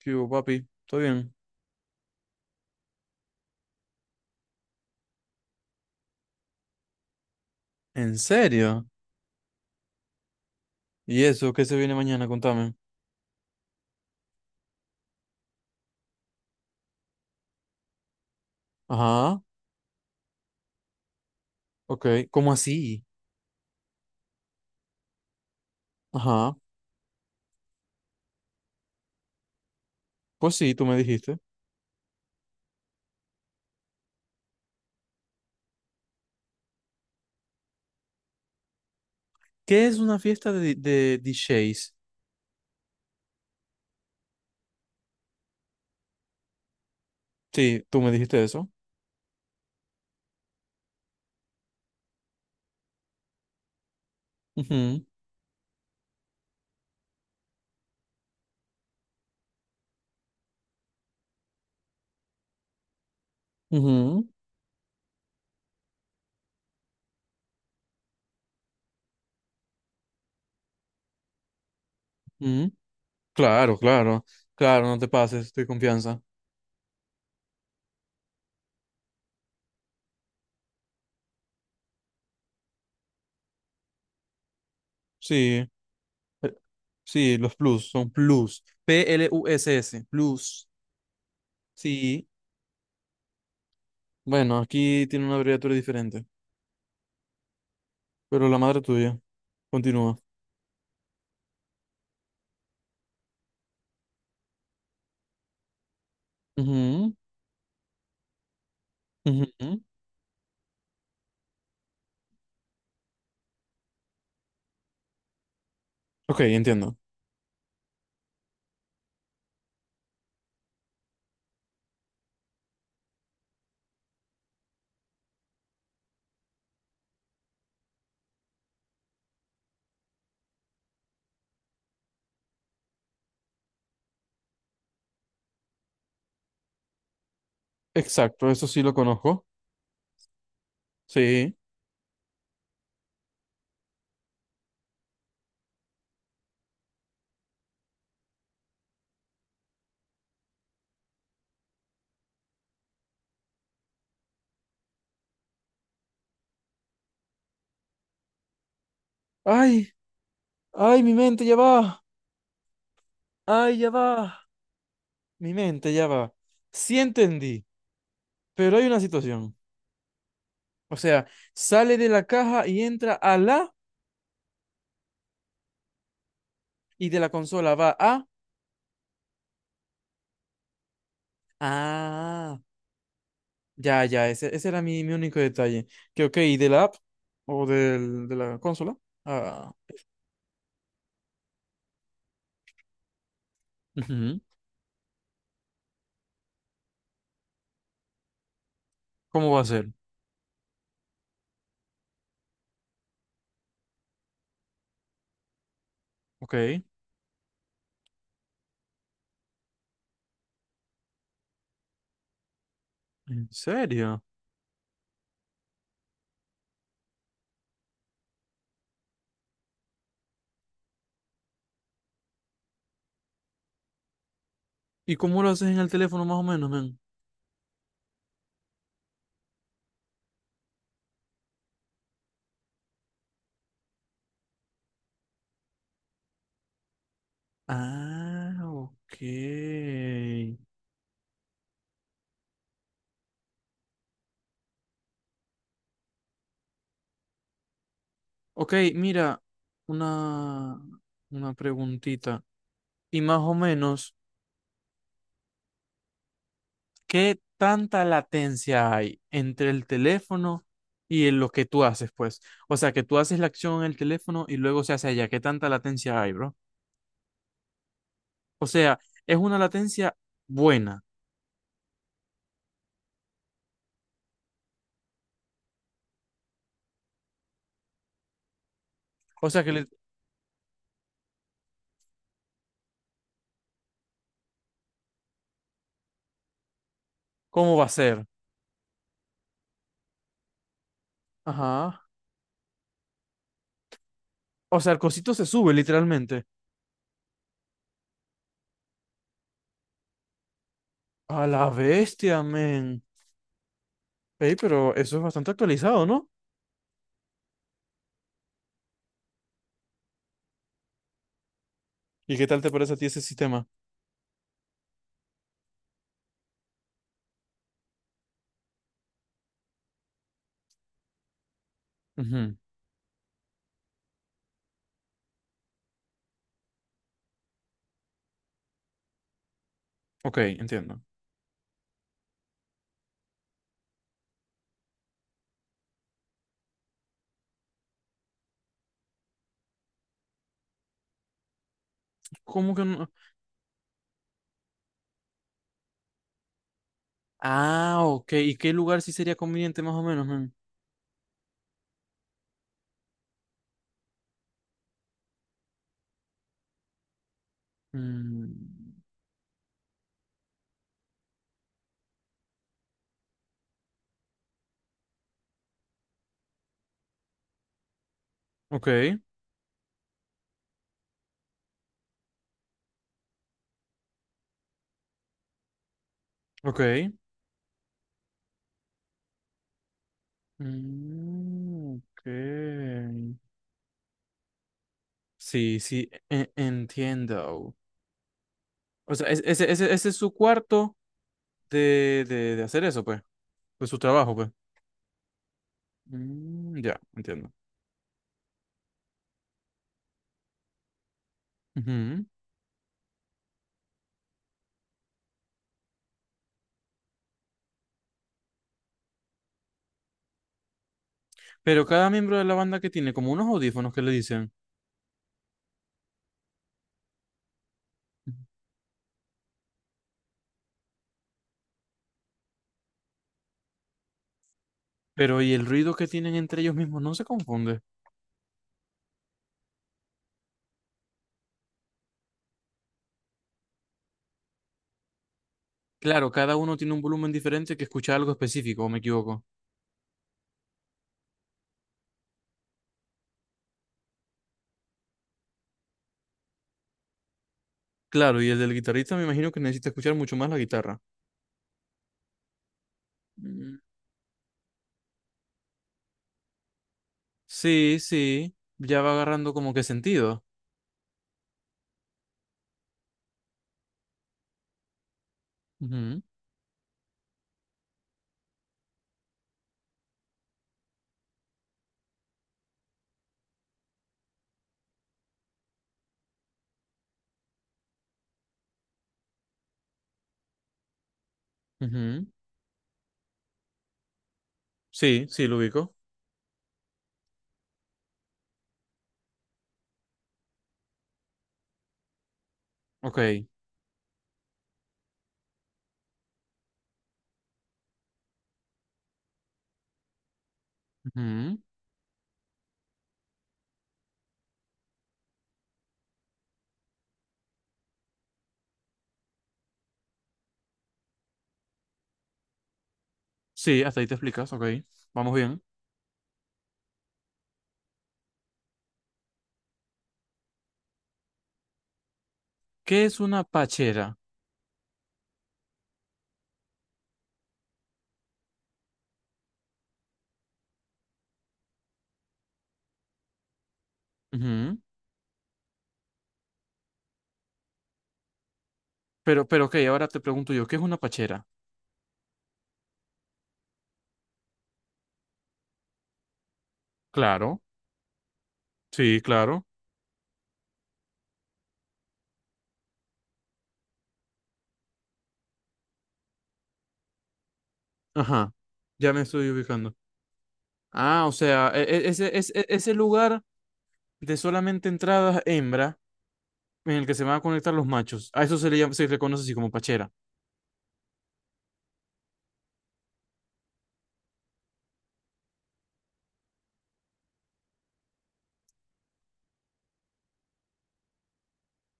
¿Qué hubo, papi? ¿Todo bien? ¿En serio? ¿Y eso? ¿Qué se viene mañana? Contame. Ajá, ok. ¿Cómo así? Ajá. Pues sí, tú me dijiste. ¿Qué es una fiesta de DJs? Sí, tú me dijiste eso. Ujú, ujú, ujú. Claro, claro. Claro, no te pases, estoy confianza. Sí, eh, sí, los plus, son plus. P-L-U-S-S, plus. Sí. Bueno, aquí tiene una abreviatura diferente, pero la madre tuya. Continúa. Ujú, ujú, ok, entiendo. Exacto, eso sí lo conozco. Sí. Ay, ay, mi mente ya va. Ay, ya va. Mi mente ya va. Sí entendí, pero hay una situación. O sea, sale de la caja y entra a la, y de la consola va a... Ah, ya, ya, ese era mi único detalle. Que ok, ¿y de la app o de la consola? Ah, ujú. ¿Cómo va a ser? Ok, ¿en serio? ¿Y cómo lo haces en el teléfono más o menos, men? Ah, ok. Ok, mira, una, una preguntita. Y más o menos, ¿qué tanta latencia hay entre el teléfono y en lo que tú haces, pues? O sea, que tú haces la acción en el teléfono y luego se hace allá. ¿Qué tanta latencia hay, bro? O sea, es una latencia buena. O sea, que le- ¿cómo va a ser? Ajá. O sea, el cosito se sube literalmente. A la bestia, men. Ey, pero eso es bastante actualizado, ¿no? ¿Y qué tal te parece a ti ese sistema? Ujú, ok, entiendo. ¿Cómo que no? Ah, ok. ¿Y qué lugar sí sería conveniente más o menos, men? Mm, ok, ok. Mm, ok. Sí, sí, entiendo. O sea, es- ese es su cuarto de hacer eso, pues. De su trabajo, pues. Mm, ya, entiendo. Ujú. Pero cada miembro de la banda que tiene como unos audífonos que le dicen. Pero, ¿y el ruido que tienen entre ellos mismos no se confunde? Claro, cada uno tiene un volumen diferente que escucha algo específico, ¿o me equivoco? Claro, y el del guitarrista me imagino que necesita escuchar mucho más la guitarra. Mm, sí, sí, ya va agarrando como que sentido. Ujú, ujú. Sí, sí, lo ubico. Ok, ujú. Sí, hasta ahí te explicas, ok. Vamos bien. ¿Qué es una pachera? Ujú. Pero ok, ahora te pregunto yo, ¿qué es una pachera? Claro, sí, claro. Ajá, ya me estoy ubicando. Ah, o sea, ese lugar de solamente entradas hembra en el que se van a conectar los machos. A eso se le llama, se le conoce así como pachera.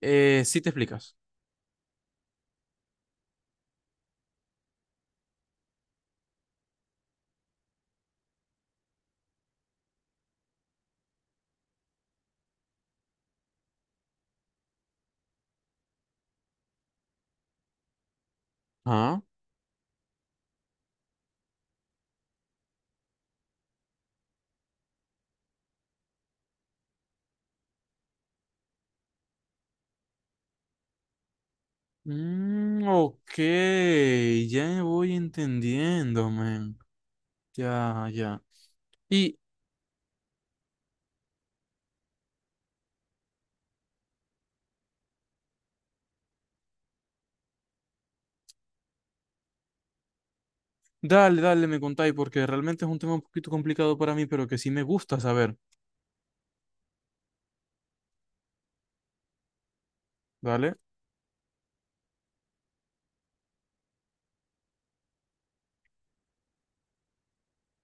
Sí te explicas. Ah. Mm, ok, ya voy entendiendo, man. Ya, ya. Y Dale, dale, me contáis, porque realmente es un tema un poquito complicado para mí, pero que sí me gusta saber. ¿Vale?